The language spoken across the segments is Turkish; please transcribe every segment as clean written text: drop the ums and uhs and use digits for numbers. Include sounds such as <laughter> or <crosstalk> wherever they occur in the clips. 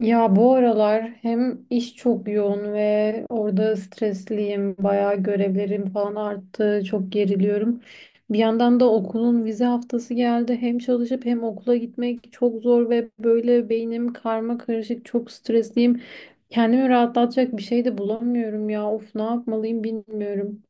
Ya bu aralar hem iş çok yoğun ve orada stresliyim. Bayağı görevlerim falan arttı. Çok geriliyorum. Bir yandan da okulun vize haftası geldi. Hem çalışıp hem okula gitmek çok zor ve böyle beynim karma karışık. Çok stresliyim. Kendimi rahatlatacak bir şey de bulamıyorum ya. Of, ne yapmalıyım bilmiyorum.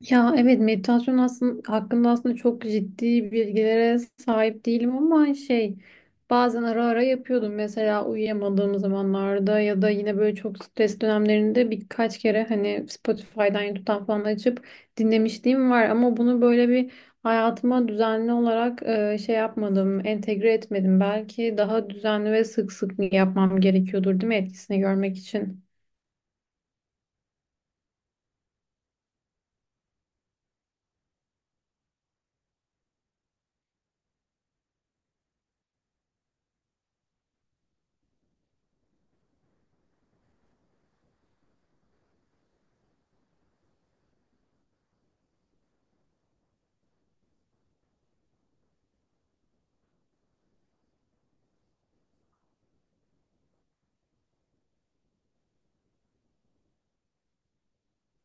Ya evet, meditasyon hakkında çok ciddi bilgilere sahip değilim ama şey, bazen ara ara yapıyordum. Mesela uyuyamadığım zamanlarda ya da yine böyle çok stres dönemlerinde birkaç kere hani Spotify'dan YouTube'dan falan açıp dinlemişliğim var ama bunu böyle bir hayatıma düzenli olarak entegre etmedim. Belki daha düzenli ve sık sık yapmam gerekiyordur, değil mi, etkisini görmek için?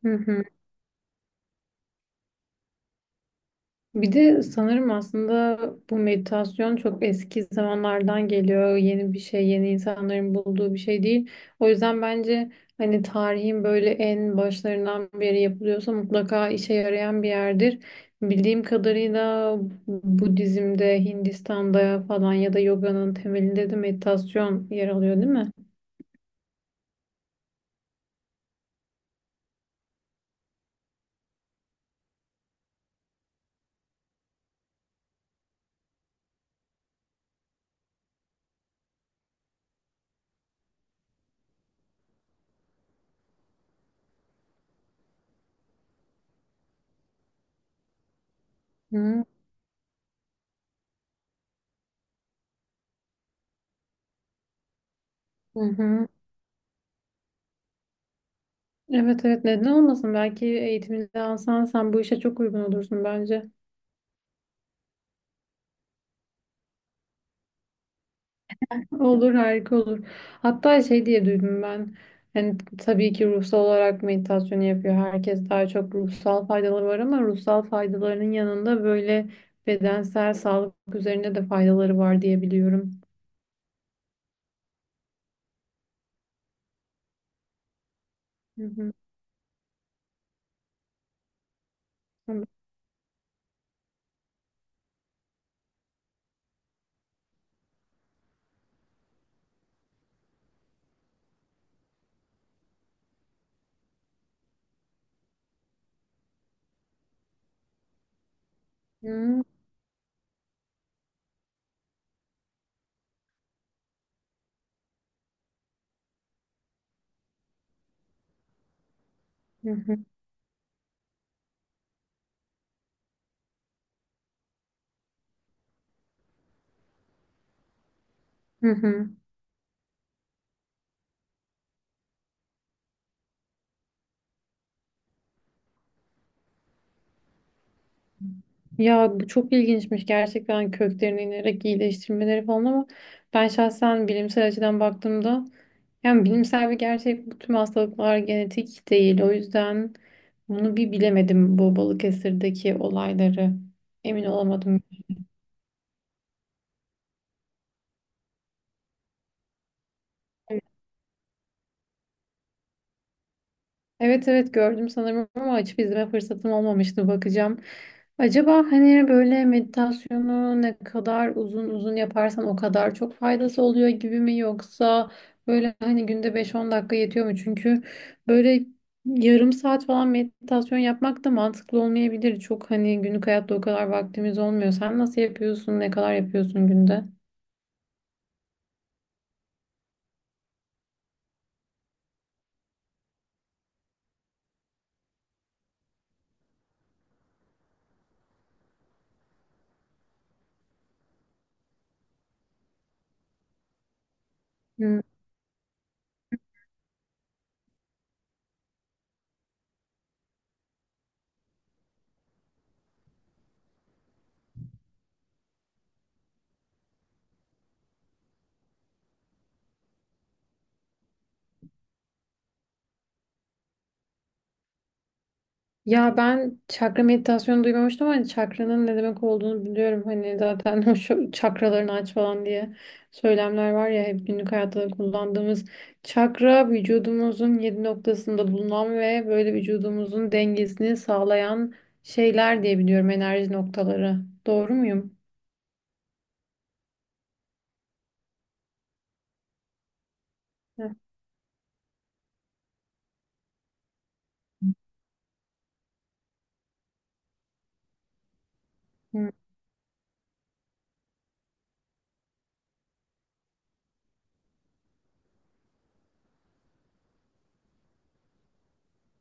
Hı hı. Bir de sanırım aslında bu meditasyon çok eski zamanlardan geliyor. Yeni bir şey, yeni insanların bulduğu bir şey değil. O yüzden bence hani tarihin böyle en başlarından beri yapılıyorsa mutlaka işe yarayan bir yerdir. Bildiğim kadarıyla Budizm'de, Hindistan'da falan ya da yoganın temelinde de meditasyon yer alıyor, değil mi? Hı hı. Hı. Evet evet, neden olmasın? Belki eğitimini alsan sen bu işe çok uygun olursun bence. Olur, harika olur. Hatta şey diye duydum ben. Yani tabii ki ruhsal olarak meditasyon yapıyor. Herkes daha çok ruhsal faydaları var ama ruhsal faydalarının yanında böyle bedensel sağlık üzerinde de faydaları var diye biliyorum. Hı hı. Hı hı. Hı hı. Ya bu çok ilginçmiş gerçekten, köklerine inerek iyileştirmeleri falan ama ben şahsen bilimsel açıdan baktığımda, yani bilimsel bir gerçek bu, tüm hastalıklar genetik değil. O yüzden bunu bir bilemedim, bu Balıkesir'deki olayları. Emin olamadım. Evet evet, gördüm sanırım ama açıp izleme fırsatım olmamıştı, bakacağım. Acaba hani böyle meditasyonu ne kadar uzun uzun yaparsan o kadar çok faydası oluyor gibi mi, yoksa böyle hani günde 5-10 dakika yetiyor mu? Çünkü böyle yarım saat falan meditasyon yapmak da mantıklı olmayabilir. Çok hani günlük hayatta o kadar vaktimiz olmuyor. Sen nasıl yapıyorsun? Ne kadar yapıyorsun günde? Ya ben çakra meditasyonu duymamıştım ama çakranın ne demek olduğunu biliyorum. Hani zaten <laughs> o, şu çakralarını aç falan diye söylemler var ya, hep günlük hayatta da kullandığımız. Çakra vücudumuzun yedi noktasında bulunan ve böyle vücudumuzun dengesini sağlayan şeyler diye biliyorum, enerji noktaları. Doğru muyum? Hı.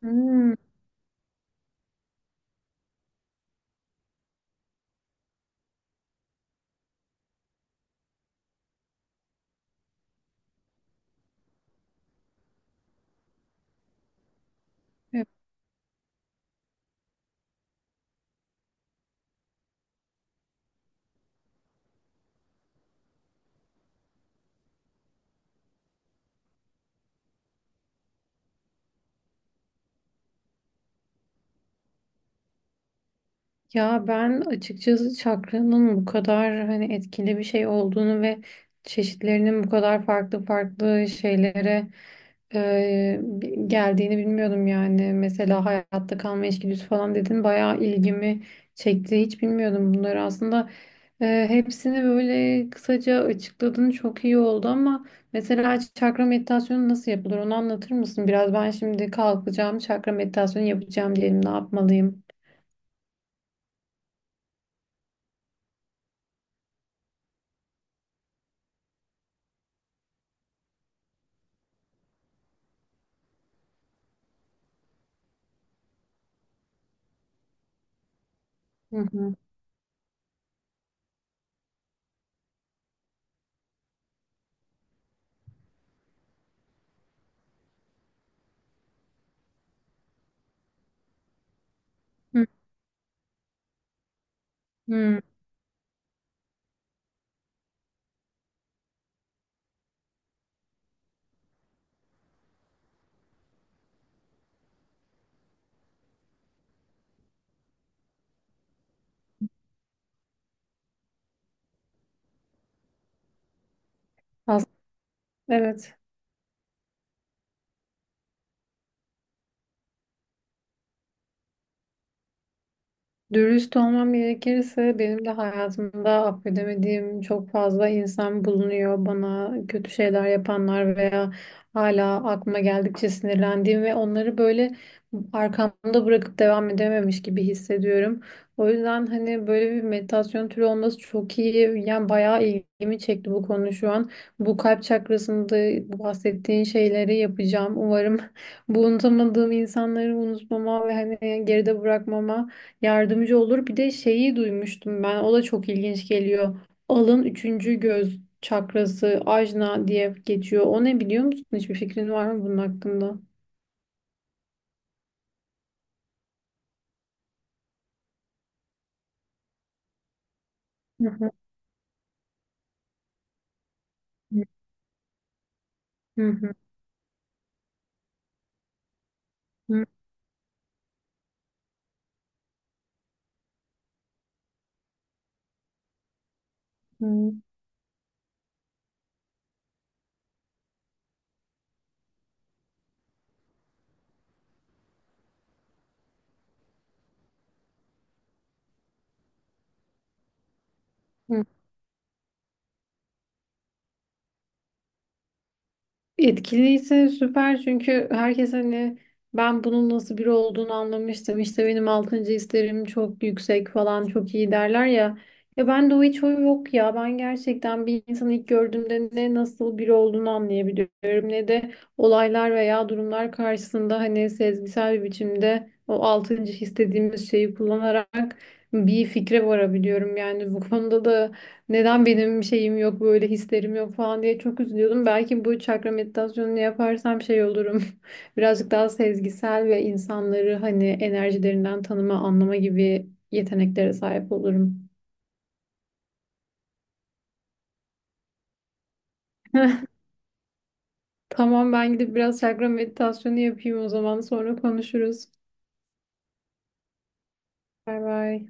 Hmm. Ya ben açıkçası çakranın bu kadar hani etkili bir şey olduğunu ve çeşitlerinin bu kadar farklı farklı şeylere geldiğini bilmiyordum yani. Mesela hayatta kalma içgüdüsü falan dedin, bayağı ilgimi çekti. Hiç bilmiyordum bunları aslında. E, hepsini böyle kısaca açıkladın, çok iyi oldu ama mesela çakra meditasyonu nasıl yapılır onu anlatır mısın? Biraz, ben şimdi kalkacağım çakra meditasyonu yapacağım diyelim, ne yapmalıyım? Hı hı. Hmm, fazla. Evet. Dürüst olmam gerekirse benim de hayatımda affedemediğim çok fazla insan bulunuyor. Bana kötü şeyler yapanlar veya hala aklıma geldikçe sinirlendiğim ve onları böyle arkamda bırakıp devam edememiş gibi hissediyorum. O yüzden hani böyle bir meditasyon türü olması çok iyi. Yani bayağı ilgimi çekti bu konu şu an. Bu kalp çakrasında bu bahsettiğin şeyleri yapacağım. Umarım <laughs> bu unutamadığım insanları unutmama ve hani geride bırakmama yardımcı olur. Bir de şeyi duymuştum ben. O da çok ilginç geliyor. Alın, üçüncü göz çakrası, ajna diye geçiyor. O ne, biliyor musun? Hiçbir fikrin var mı bunun hakkında? Hı hı. Hı hı. Hı hı. Etkiliyse süper, çünkü herkes hani ben bunun nasıl biri olduğunu anlamıştım, İşte benim altıncı hislerim çok yüksek falan çok iyi derler ya. Ya ben de o, hiç o yok ya. Ben gerçekten bir insanı ilk gördüğümde ne nasıl biri olduğunu anlayabiliyorum ne de olaylar veya durumlar karşısında hani sezgisel bir biçimde o altıncı his dediğimiz şeyi kullanarak bir fikre varabiliyorum. Yani bu konuda da neden benim şeyim yok, böyle hislerim yok falan diye çok üzülüyordum. Belki bu çakra meditasyonunu yaparsam şey olurum. <laughs> Birazcık daha sezgisel ve insanları hani enerjilerinden tanıma, anlama gibi yeteneklere sahip olurum. <laughs> Tamam, ben gidip biraz çakra meditasyonu yapayım o zaman, sonra konuşuruz. Bay bay.